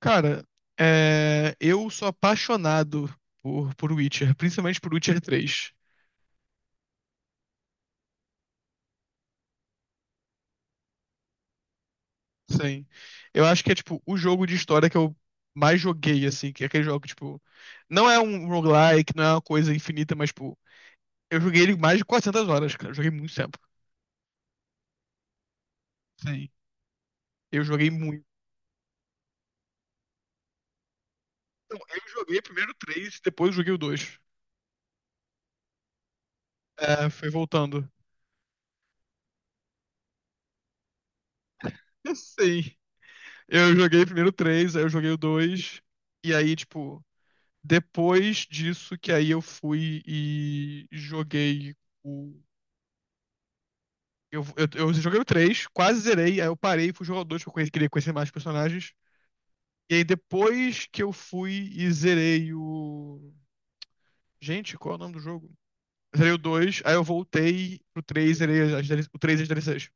Cara, eu sou apaixonado por Witcher, principalmente por Witcher três. Sim. Eu acho que é, tipo, o jogo de história que eu mais joguei, assim, que é aquele jogo, que, tipo, não é um roguelike, não é uma coisa infinita, mas, tipo, eu joguei ele mais de 400 horas, cara. Eu joguei muito tempo. Sim. Eu joguei muito. Não, eu joguei primeiro 3, depois joguei o 2. É, foi voltando. Sim. Eu joguei primeiro o 3, aí eu joguei o 2 e aí, tipo. Depois disso, que aí eu fui e joguei o. Eu joguei o 3, quase zerei, aí eu parei e fui jogar o 2 porque eu queria conhecer mais personagens. E aí depois que eu fui e zerei o. Gente, qual é o nome do jogo? Zerei o dois, aí eu voltei pro três, zerei as, o 3 e as DLCs.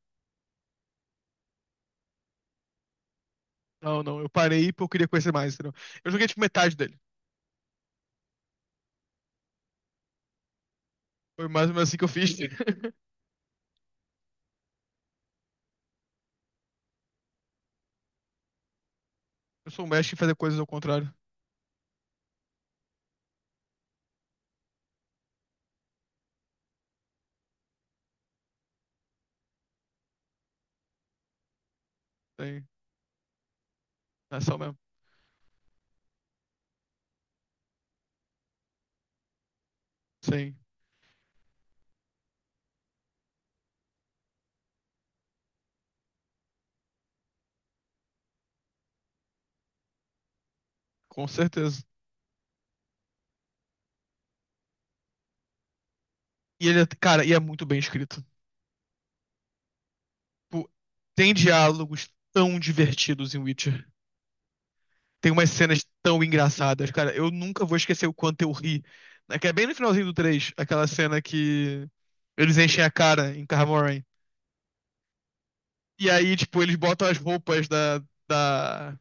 Não, não, eu parei porque eu queria conhecer mais, entendeu? Eu joguei tipo metade dele. Foi mais ou menos assim que eu fiz. Sim. Eu sou um mestre em fazer coisas ao contrário. Sim, é só mesmo. Sim, com certeza. E ele, cara, e é muito bem escrito. Tipo, tem diálogos tão divertidos em Witcher. Tem umas cenas tão engraçadas, cara. Eu nunca vou esquecer o quanto eu ri. É que é bem no finalzinho do 3 aquela cena que eles enchem a cara em Kaer. E aí, tipo, eles botam as roupas da...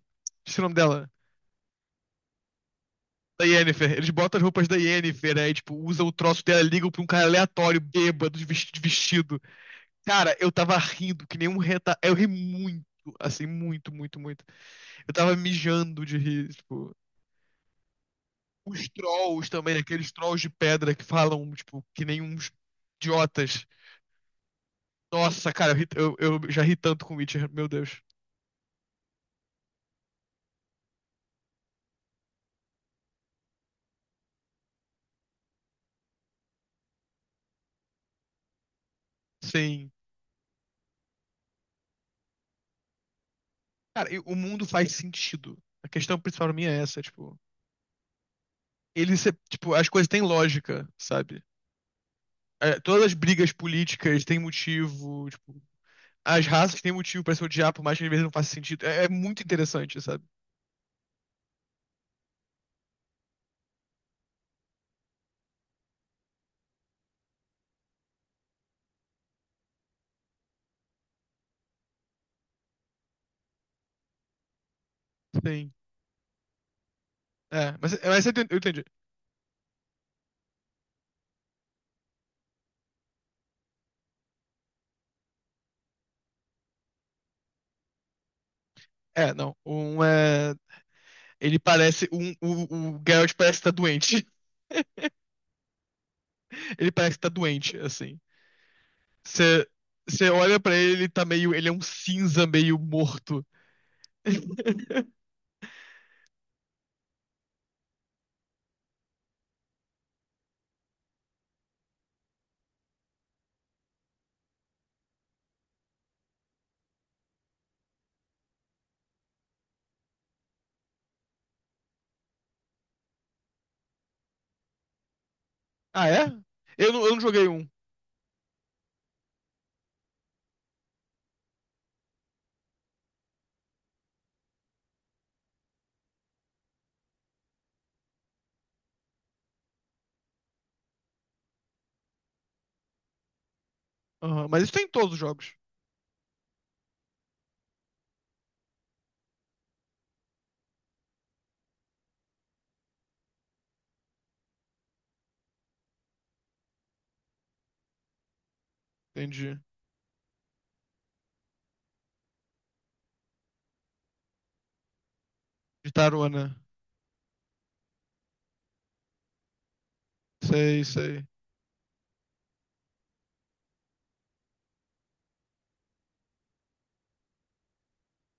Esqueci o nome dela. Da Yennefer. Eles botam as roupas da Yennefer, aí, tipo, usam o troço dela, ligam pra um cara aleatório, bêbado, de vestido. Cara, eu tava rindo que nem um reta... Eu ri muito, assim, muito, muito, muito. Eu tava mijando de rir, tipo. Os trolls também, aqueles trolls de pedra que falam, tipo, que nem uns idiotas. Nossa, cara, eu já ri tanto com Witcher, meu Deus. Sim. Cara, e o mundo faz sentido. A questão principal pra mim é essa, tipo. Ele, se- Tipo, as coisas têm lógica, sabe? É, todas as brigas políticas têm motivo, tipo. As raças têm motivo pra se odiar, por mais que às vezes não faça sentido. É, é muito interessante, sabe? Sim. Mas eu entendi. Eu entendi. É, não. Um é... Ele parece. Um, o Geralt parece estar doente. Ele parece estar doente, assim. Você você olha pra ele, ele tá meio. Ele é um cinza meio morto. Ah, é? Eu não joguei um. Aham, mas isso tem em todos os jogos. Entendi. De tarona. Sei, sei.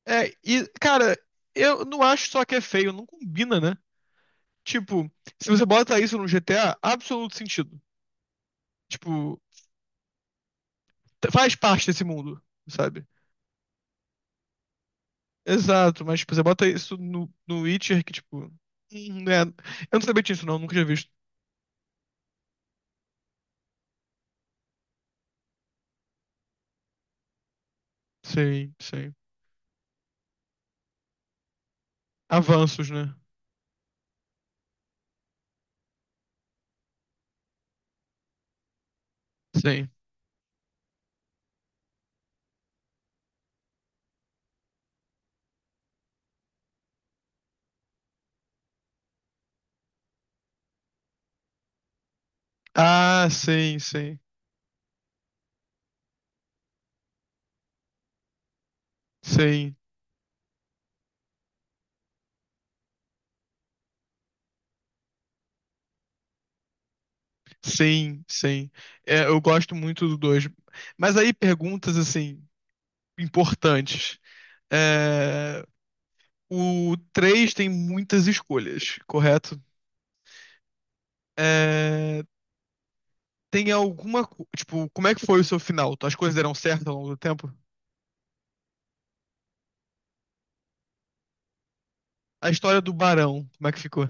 É, e, cara, eu não acho só que é feio, não combina, né? Tipo, se você bota isso no GTA, absoluto sentido. Tipo, faz parte desse mundo, sabe? Exato, mas tipo, você bota isso no Witcher que, tipo. Hum, né? Eu não sabia disso, não, nunca tinha visto. Sim, sim. Avanços, né? Sim. Ah, sim, sim. Sim, sim, sim. É, eu gosto muito do dois. Mas aí perguntas assim, importantes. É, o 3 tem muitas escolhas, correto? É, tem alguma. Tipo, como é que foi o seu final? As coisas deram certo ao longo do tempo? A história do Barão, como é que ficou?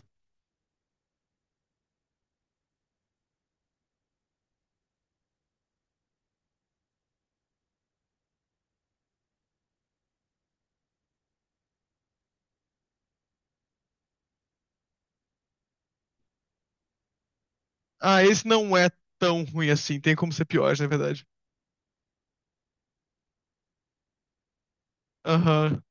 Ah, esse não é tão ruim assim. Tem como ser pior, na verdade. Aham.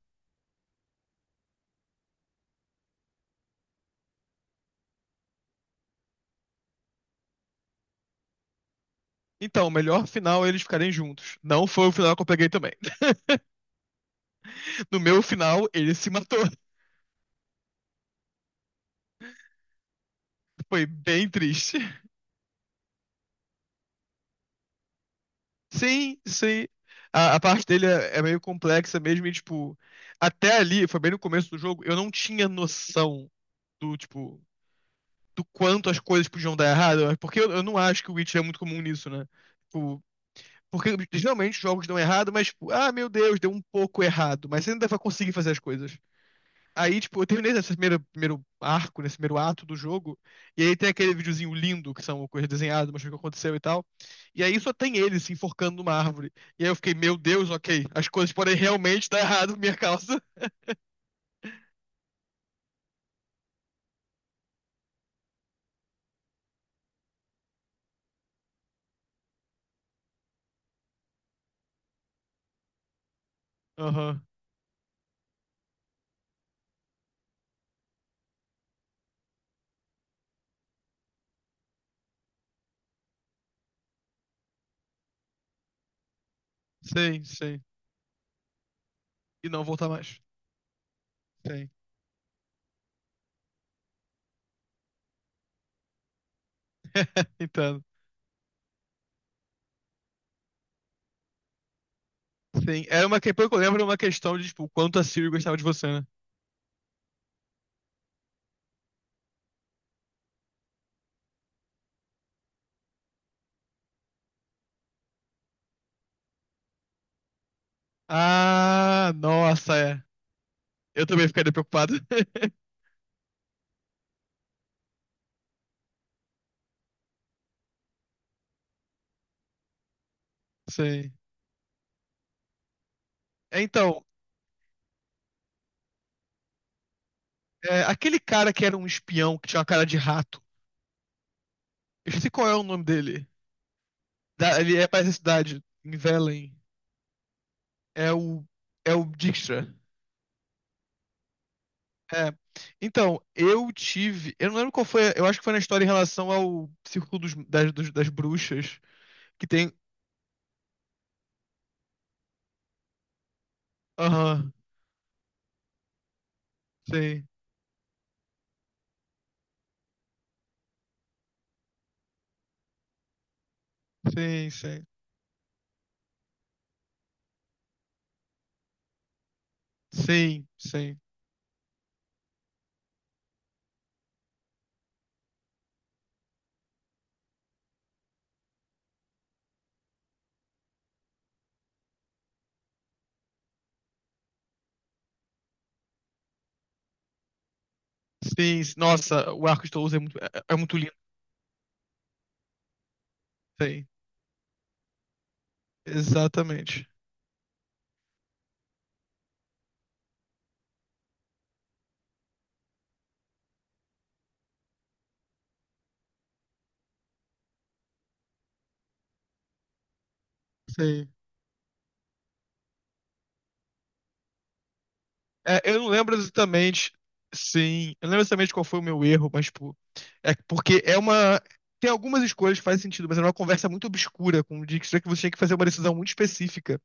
Então, o melhor final é eles ficarem juntos. Não foi o final que eu peguei também. No meu final, ele se matou. Foi bem triste. Sim, sim. A parte dele é meio complexa mesmo. E, tipo, até ali, foi bem no começo do jogo, eu não tinha noção do, tipo, do quanto as coisas podiam dar errado. Porque eu não acho que o Witcher é muito comum nisso, né? Tipo, porque geralmente os jogos dão errado, mas, tipo, ah, meu Deus, deu um pouco errado. Mas você ainda vai conseguir fazer as coisas. Aí, tipo, eu terminei nesse primeiro arco, nesse primeiro ato do jogo. E aí tem aquele videozinho lindo, que são coisas desenhadas, mostrando o que aconteceu e tal. E aí só tem ele se enforcando numa árvore. E aí eu fiquei, meu Deus, ok. As coisas podem realmente dar errado por minha causa. Aham. Sim, sim. E não voltar mais. Sim. Entendo. Sim. Era uma que, pelo que eu lembro, era uma questão de, tipo, o quanto a Siri gostava de você, né? Ah, nossa, é. Eu também ficaria preocupado. Sim. É, então, é, aquele cara que era um espião que tinha uma cara de rato. Eu esqueci qual é o nome dele. Ele é pra essa cidade, em Velen. É o. É o Dijkstra. É. Então, eu tive. Eu não lembro qual foi. Eu acho que foi na história em relação ao Círculo das Bruxas. Que tem. Aham. Sim. Sim, sim. Sim, sim. Sim. Nossa, o arco de Toulouse é muito lindo. Sim. Exatamente. Sim. É, eu não lembro exatamente, sim, eu não lembro exatamente qual foi o meu erro, mas, tipo, é porque é uma. Tem algumas escolhas que fazem sentido, mas é uma conversa muito obscura com o Dijkstra que você tinha que fazer uma decisão muito específica.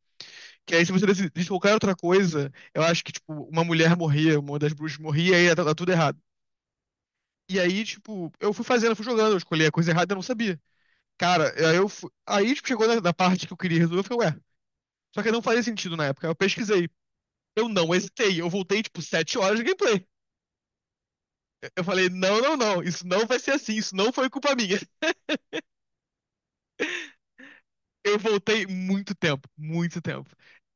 Que aí, se você decidisse qualquer outra coisa, eu acho que, tipo, uma mulher morria, uma das bruxas morria, aí ia tudo errado. E aí, tipo, eu fui fazendo, eu fui jogando, eu escolhi a coisa errada, eu não sabia. Cara, aí eu fui... Aí, tipo, chegou na parte que eu queria resolver, eu falei, ué, só que não fazia sentido na época. Aí eu pesquisei. Eu não hesitei, eu voltei, tipo, 7 horas de gameplay. Eu falei, não, não, não, isso não vai ser assim, isso não foi culpa minha. Eu voltei muito tempo, muito tempo.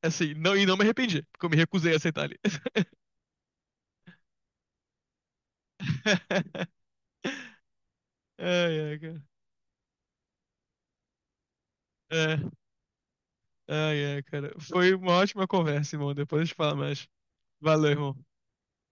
Assim, não, e não me arrependi, porque eu me recusei a aceitar ali. Ai, ai, cara. É, ai, ai, cara. Foi uma ótima conversa, irmão. Depois a gente fala mais. Valeu, irmão.